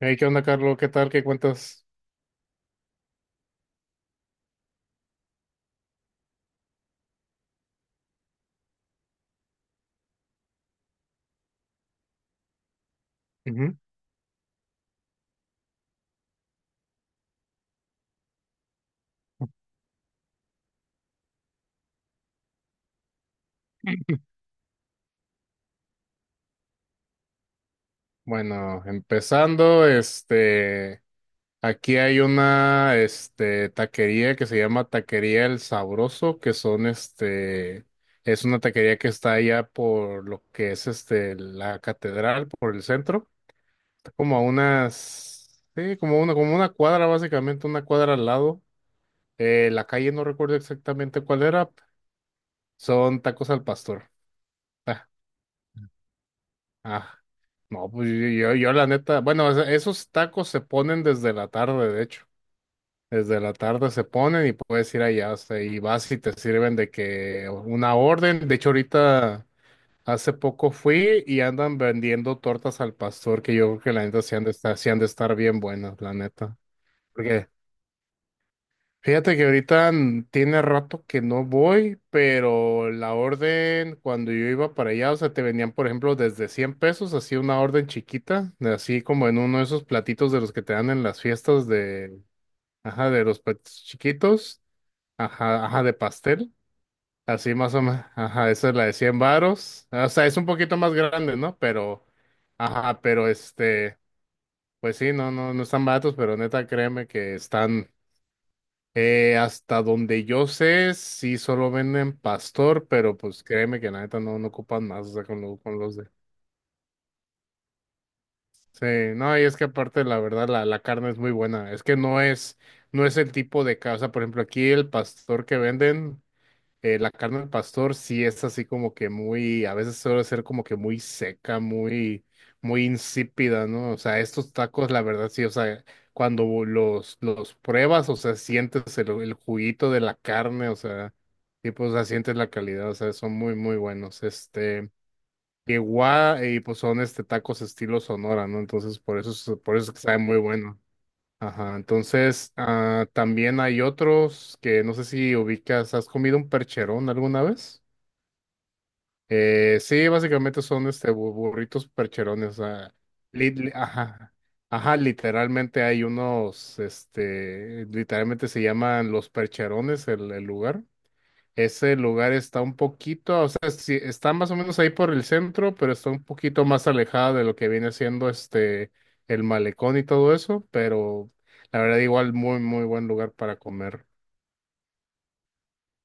Hey, ¿qué onda, Carlos? ¿Qué tal? ¿Qué cuentas? Ujú. Bueno, empezando, aquí hay una, taquería que se llama Taquería El Sabroso, que es una taquería que está allá por lo que la catedral, por el centro. Está como a unas, sí, como una cuadra, básicamente, una cuadra al lado. La calle no recuerdo exactamente cuál era. Son tacos al pastor. Ah, no, pues yo la neta, bueno, o sea, esos tacos se ponen desde la tarde, de hecho. Desde la tarde se ponen y puedes ir allá, o sea, y vas y te sirven de que una orden. De hecho, ahorita hace poco fui y andan vendiendo tortas al pastor, que yo creo que la neta sí han de estar, sí han de estar bien buenas, la neta. Fíjate que tiene rato que no voy, pero la orden cuando yo iba para allá, o sea, te vendían, por ejemplo, desde 100 pesos, así una orden chiquita, de así como en uno de esos platitos de los que te dan en las fiestas de, ajá, de los platitos chiquitos, ajá, ajá, de pastel, así más o menos, ajá, esa es la de 100 varos, o sea, es un poquito más grande, ¿no? Pero, ajá, pero pues sí, no, no, no están baratos, pero neta, créeme que están. Hasta donde yo sé, sí solo venden pastor, pero pues créeme que la neta no ocupan más, o sea, con los de... Sí, no, y es que aparte la verdad la carne es muy buena, es que no es el tipo de casa, por ejemplo, aquí el pastor que venden la carne al pastor sí es así como que muy, a veces suele ser como que muy seca, muy, muy insípida, ¿no? O sea, estos tacos, la verdad sí, o sea, cuando los pruebas, o sea, sientes el juguito de la carne, o sea, y pues, o sea, sientes la calidad, o sea, son muy, muy buenos. Igual, y pues son tacos estilo Sonora, ¿no? Entonces, por eso, por eso es que saben muy buenos. Ajá, entonces también hay otros que no sé si ubicas, ¿has comido un percherón alguna vez? Sí, básicamente son burritos percherones, ajá, ajá, literalmente hay literalmente se llaman los percherones el lugar. Ese lugar está un poquito, o sea, sí, está más o menos ahí por el centro, pero está un poquito más alejada de lo que viene siendo el malecón y todo eso, pero la verdad igual muy muy buen lugar para comer.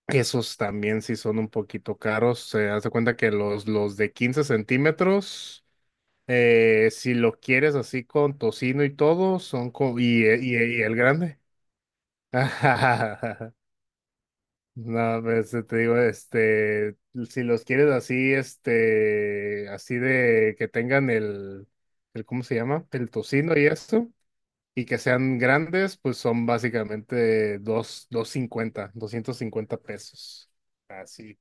Esos también sí son un poquito caros. Se hace cuenta que los de 15 centímetros, si lo quieres así con tocino y todo, son co- y el grande. No, pues te digo, si los quieres así, así de que tengan ¿cómo se llama? El tocino y esto, y que sean grandes, pues son básicamente dos cincuenta, 250 pesos. Así.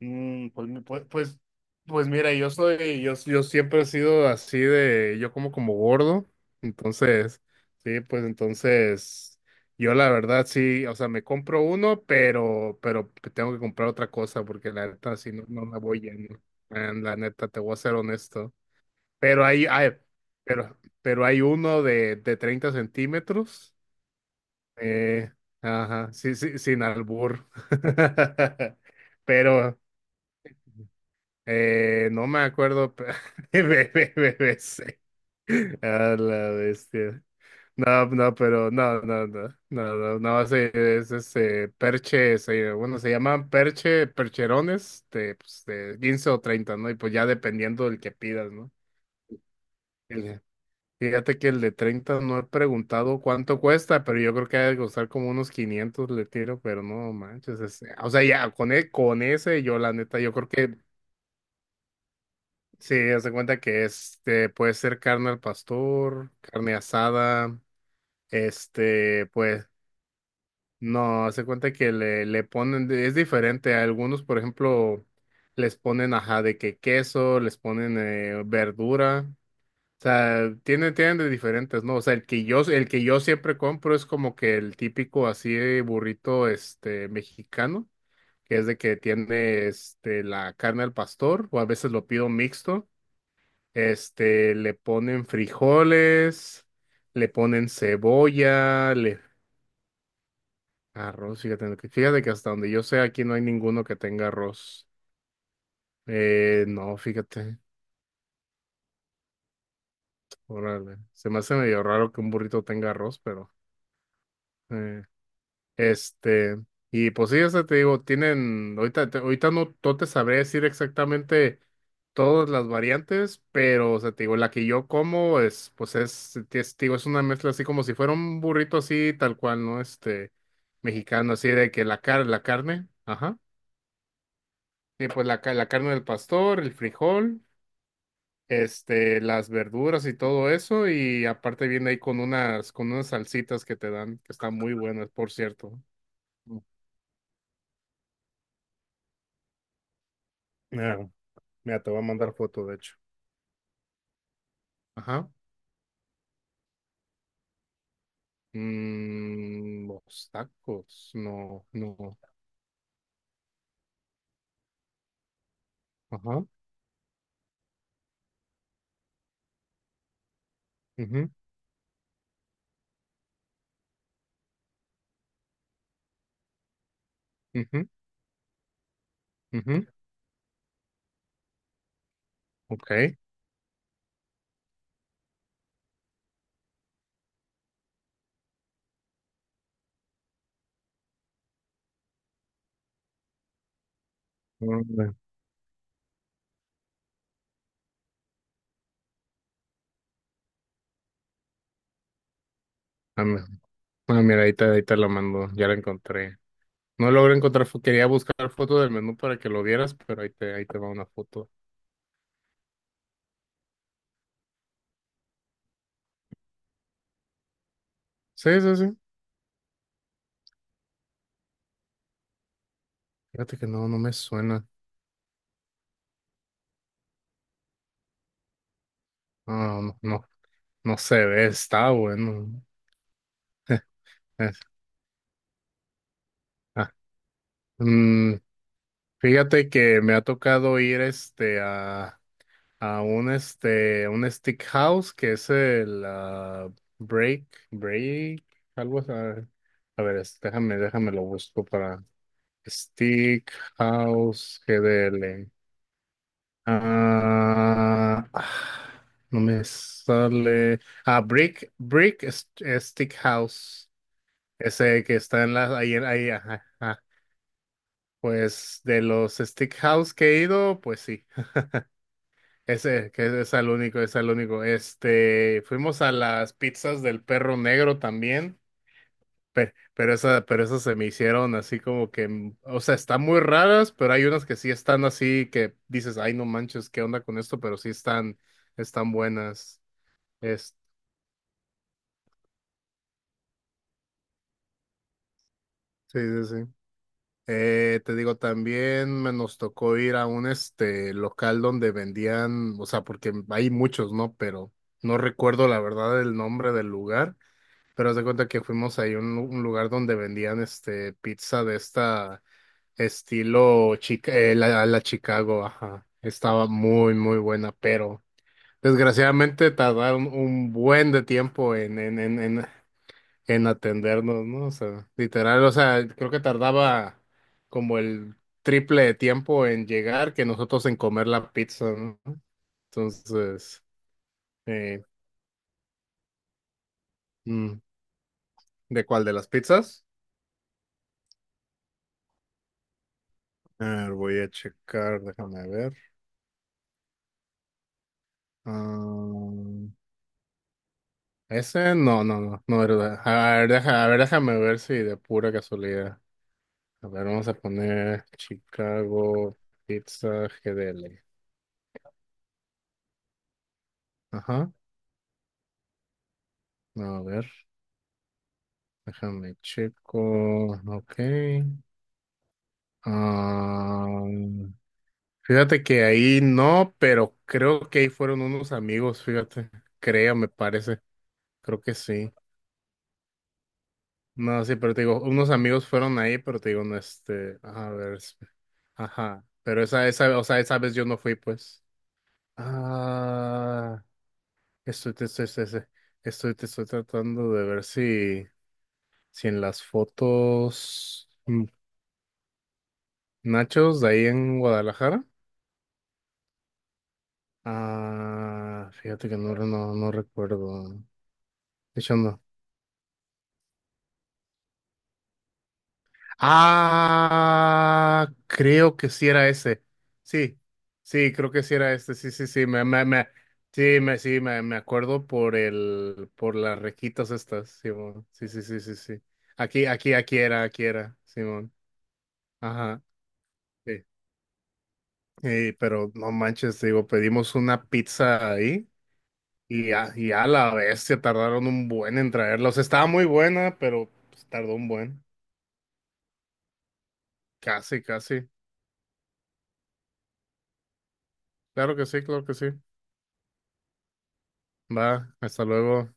Pues, pues mira, yo siempre he sido así de, yo como como gordo, entonces, sí, pues entonces, yo la verdad sí, o sea, me compro uno, pero, tengo que comprar otra cosa porque la neta sí no la voy yendo, la neta, te voy a ser honesto, pero pero hay uno de 30 centímetros, eh, ajá, sí, sí, sin albur, pero... No me acuerdo. BBC. A la bestia. No, no, pero no, no, no, no, no, no, ese es se llaman percherones de, pues, de 15 o 30, ¿no? Y pues ya dependiendo del que pidas, ¿no? El- Fíjate que el de 30 no he preguntado cuánto cuesta, pero yo creo que ha de costar como unos 500 le tiro, pero no manches, o sea, ya, con ese yo la neta, yo creo que. Sí, haz de cuenta que este puede ser carne al pastor, carne asada, este, pues, no, haz de cuenta que le ponen, es diferente. A algunos, por ejemplo, les ponen ajá de que queso, les ponen verdura. O sea, tienen de diferentes, ¿no? O sea, el que yo siempre compro es como que el típico así de burrito mexicano, que es de que tiene la carne al pastor, o a veces lo pido mixto le ponen frijoles, le ponen cebolla, le... Arroz, fíjate, fíjate que hasta donde yo sé aquí no hay ninguno que tenga arroz. No, fíjate, órale. Se me hace medio raro que un burrito tenga arroz, pero... eh, Este, y pues sí, o sea, te digo, tienen, ahorita no te sabré decir exactamente todas las variantes, pero, o sea, te digo, la que yo como es, pues es una mezcla así como si fuera un burrito así, tal cual, ¿no? Mexicano, así de que la carne, ajá, y pues la carne del pastor, el frijol, las verduras y todo eso, y aparte viene ahí con unas salsitas que te dan, que están muy buenas, por cierto. Mm. Ah. Mira, te voy a mandar foto, de hecho. Ajá. Mm, los tacos, no, no. Ajá. Ujú, ujú, ujú, ok. Mm. Ah. Mira, ahí te la mando, ya la encontré. No logré encontrar, quería buscar foto del menú para que lo vieras, pero ahí te va una foto. Sí, sí, sí. Fíjate que no me suena. No, no, no, no se ve, está bueno. Ah, mm, fíjate que me ha tocado ir a un un stick house que es el break break algo así. A ver, déjame lo busco para stick house GDL. Ah, ah, no me sale. Brick brick stick house ese que está en ahí ajá, ajá. Pues de los stick house que he ido, pues sí. Ese, que es el único, es el único. Fuimos a las pizzas del perro negro también, pero, pero esas se me hicieron así como que, o sea, están muy raras, pero hay unas que sí están así que dices, ay, no manches, ¿qué onda con esto? Pero sí están buenas. Es, sí, sí, sí. Te digo, también me nos tocó ir a un local donde vendían, o sea, porque hay muchos, ¿no? Pero no recuerdo la verdad el nombre del lugar. Pero haz de cuenta que fuimos ahí a un lugar donde vendían pizza de la Chicago, ajá. Estaba muy, muy buena, pero desgraciadamente tardaron un buen de tiempo en atendernos, ¿no? O sea, literal, o sea, creo que tardaba como el triple de tiempo en llegar que nosotros en comer la pizza, ¿no? Entonces, eh, mm, ¿de cuál de las pizzas? A ver, voy a checar, déjame ver. Ah, ese no, no, no, no, verdad. A ver, a ver, déjame ver si de pura casualidad. A ver, vamos a poner Chicago Pizza GDL. Ajá. A ver, déjame checo. Ok. Ah, fíjate que ahí no, pero creo que ahí fueron unos amigos, fíjate. Creo, me parece. Creo que sí. No, sí, pero te digo, unos amigos fueron ahí, pero te digo, no, a ver. Ajá. Pero o sea, esa vez yo no fui, pues. Ah, estoy, te- estoy, estoy, estoy, estoy- te estoy tratando de ver si en las fotos. Nachos de ahí en Guadalajara. Ah, fíjate que no, no, no recuerdo. De hecho, no. Ah, creo que sí era ese. Sí, sí, creo que sí era este. Sí, sí, sí. Me acuerdo por por las requitas estas, Simón. Sí, sí, sí, sí, sí. Aquí era, aquí era, Simón. Ajá. Sí. Sí, pero no manches, digo, pedimos una pizza ahí y y a la bestia tardaron un buen en traerla. O sea, estaba muy buena, pero pues, tardó un buen. Casi, casi. Claro que sí, claro que sí. Va, hasta luego.